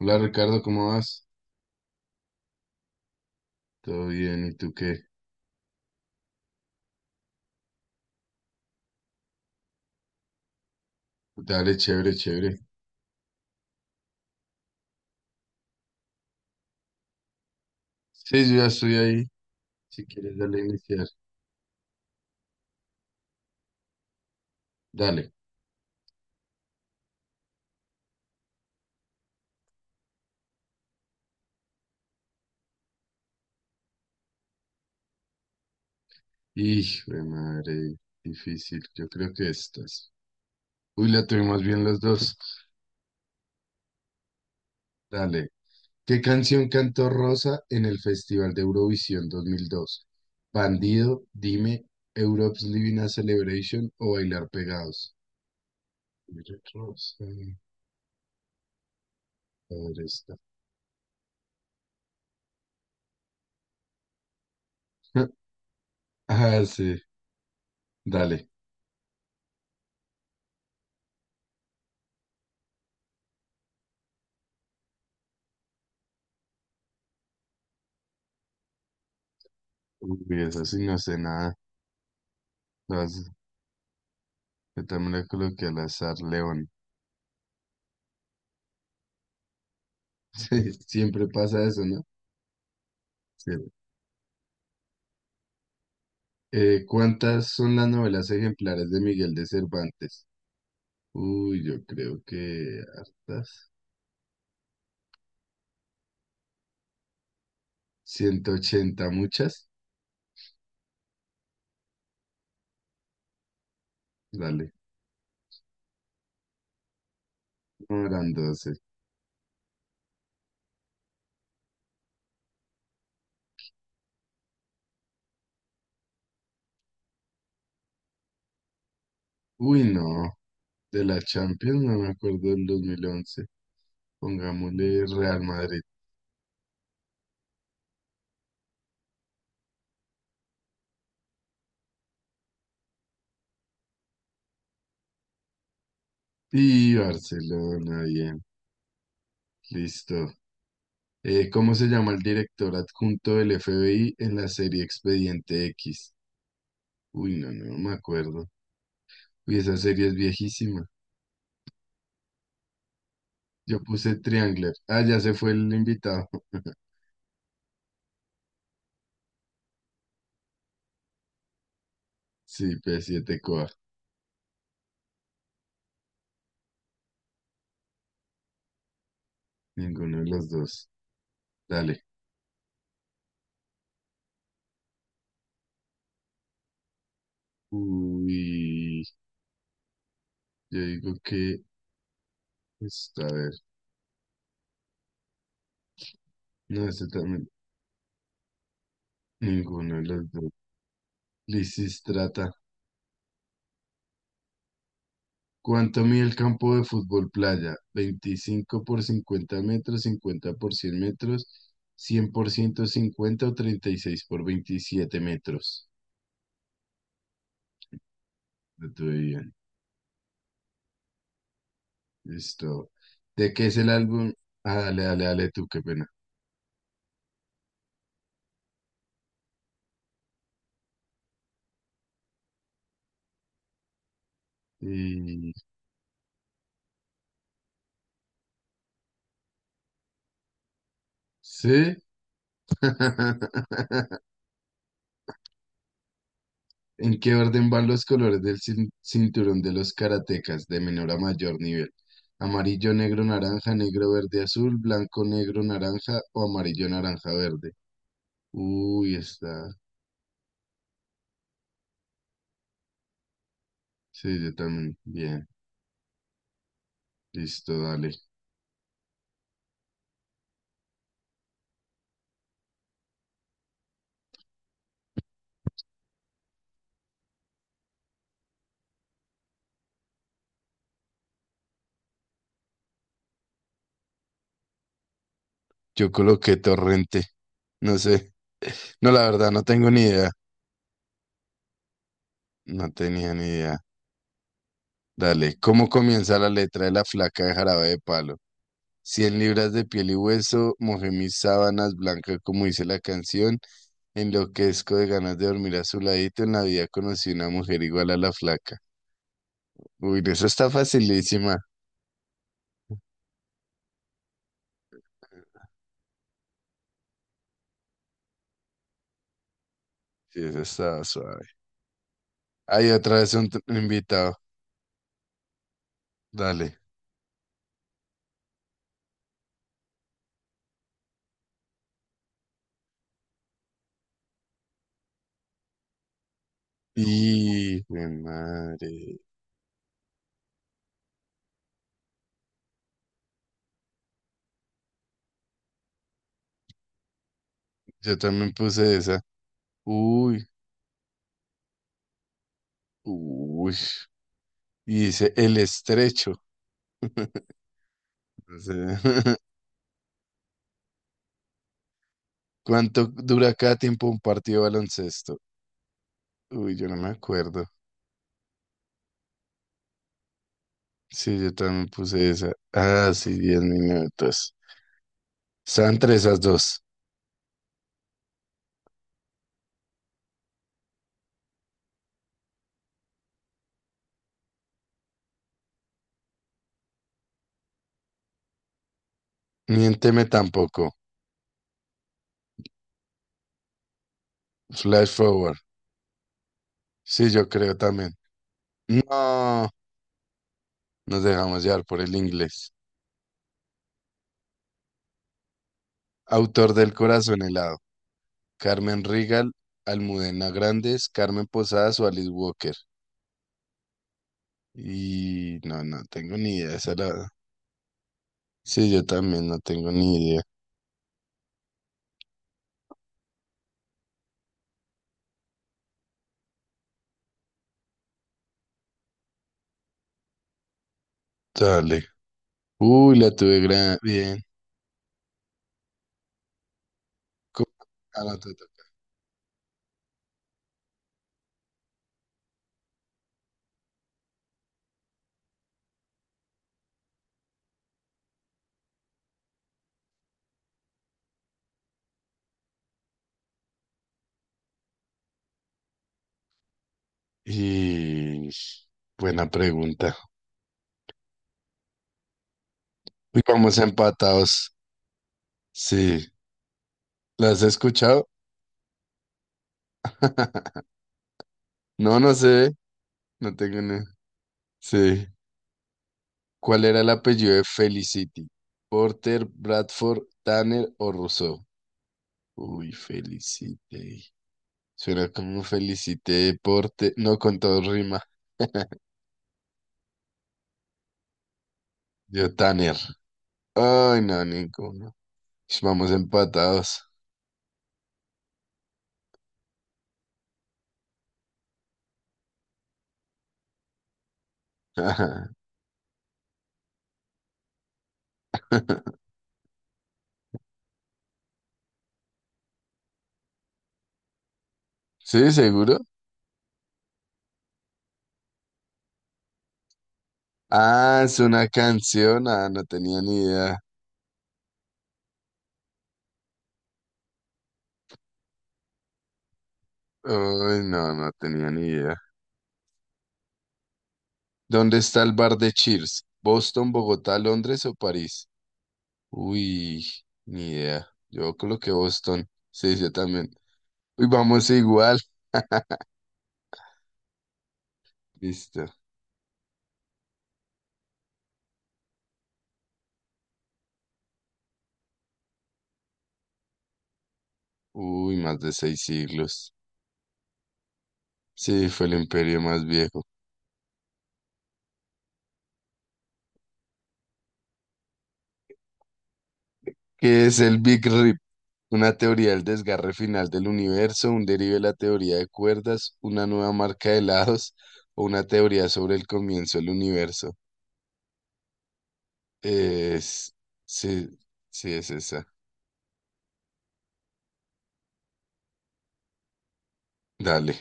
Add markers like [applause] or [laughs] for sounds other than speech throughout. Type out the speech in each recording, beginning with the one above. Hola Ricardo, ¿cómo vas? Todo bien, ¿y tú qué? Dale, chévere, chévere. Sí, yo ya estoy ahí. Si quieres, dale a iniciar. Dale. Hijo de madre, difícil. Yo creo que estas. Uy, la tuvimos bien los dos. Dale. ¿Qué canción cantó Rosa en el Festival de Eurovisión 2002? Bandido, Dime, Europe's Living a Celebration o Bailar Pegados. Mira, Rosa, padre está. [laughs] Ah, sí, dale. Uy, eso sí no sé nada. Lo has- yo también le coloqué al azar León. [laughs] Sí, siempre pasa eso, ¿no? Sí. ¿Cuántas son las novelas ejemplares de Miguel de Cervantes? Uy, yo creo que hartas. 180 muchas. Dale, no eran 12. Uy, no. De la Champions no me acuerdo del 2011, pongámosle Real Madrid y Barcelona, bien. Listo. ¿Cómo se llama el director adjunto del FBI en la serie Expediente X? Uy, no, no, no me acuerdo. Uy, esa serie es viejísima. Yo puse Triangler. Ah, ya se fue el invitado. [laughs] Sí, P7 Coa. Ninguno de los dos. Dale. Uy, yo digo que está a ver. No, ese también. Ninguno de los dos. Lisistrata. ¿Cuánto mide el campo de fútbol playa? 25 por 50 metros, 50 por 100 metros, 100 por 150 o 36 por 27 metros. No tuve idea. Listo. ¿De qué es el álbum? Ah, dale, dale, dale tú, qué pena. Y... ¿Sí? [laughs] ¿En qué orden van los colores del cinturón de los karatecas de menor a mayor nivel? Amarillo, negro, naranja, negro, verde, azul, blanco, negro, naranja o amarillo, naranja, verde. Uy, está. Sí, yo también. Bien, listo, dale. Yo coloqué torrente. No sé. No, la verdad, no tengo ni idea. No tenía ni idea. Dale, ¿cómo comienza la letra de la flaca de Jarabe de Palo? 100 libras de piel y hueso, mojé mis sábanas blancas como dice la canción, enloquezco de ganas de dormir a su ladito, en la vida conocí una mujer igual a la flaca. Uy, eso está facilísima. Sí, eso está suave. Hay otra vez un invitado. Dale. Y, de madre. Yo también puse esa. Uy, uy. Y dice, el estrecho. [laughs] No sé. [laughs] ¿Cuánto dura cada tiempo un partido de baloncesto? Uy, yo no me acuerdo. Sí, yo también puse esa. Ah, sí, 10 minutos. Están entre esas dos. Miénteme tampoco. Flash forward. Sí, yo creo también. No, nos dejamos llevar por el inglés. Autor del Corazón helado. Carmen Rigal, Almudena Grandes, Carmen Posadas o Alice Walker. Y no, no tengo ni idea. De esa la... Sí, yo también no tengo ni idea. Dale. Uy, la tuve gran... bien. Cu- ah, no, te toca. Y buena pregunta. Uy, vamos empatados. Sí, ¿las has escuchado? [laughs] No, no sé. No tengo ni. Sí. ¿Cuál era el apellido de Felicity? ¿Porter, Bradford, Tanner o Rousseau? Uy, Felicity. Suena como Felicity, Porter. No, con todo rima. Yo, Tanner. Ay, no, ninguno. Ish, vamos empatados. [laughs] ¿Sí, seguro? Ah, es una canción. Ah, no tenía ni idea. Uy, no, no tenía ni idea. ¿Dónde está el bar de Cheers? ¿Boston, Bogotá, Londres o París? Uy, ni idea. Yo coloqué Boston. Sí, yo también. Uy, vamos igual. Listo. Uy, más de 6 siglos. Sí, fue el imperio más viejo. ¿Qué es el Big Rip? Una teoría del desgarre final del universo, un derive de la teoría de cuerdas, una nueva marca de lados o una teoría sobre el comienzo del universo. Es... Sí, sí, es esa. Dale.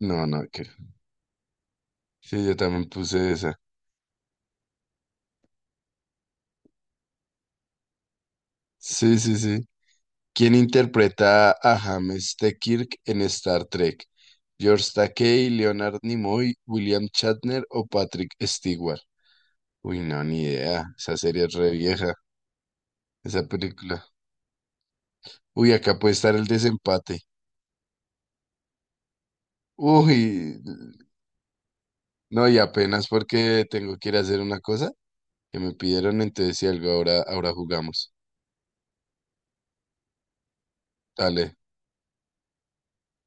No, no, que... Sí, yo también puse esa. Sí, sí, sí. ¿Quién interpreta a James T. Kirk en Star Trek? ¿George Takei, Leonard Nimoy, William Shatner o Patrick Stewart? Uy, no, ni idea. Esa serie es re vieja, esa película. Uy, acá puede estar el desempate. Uy, no, y apenas porque tengo que ir a hacer una cosa que me pidieron, entonces si algo ahora, ahora jugamos. Dale.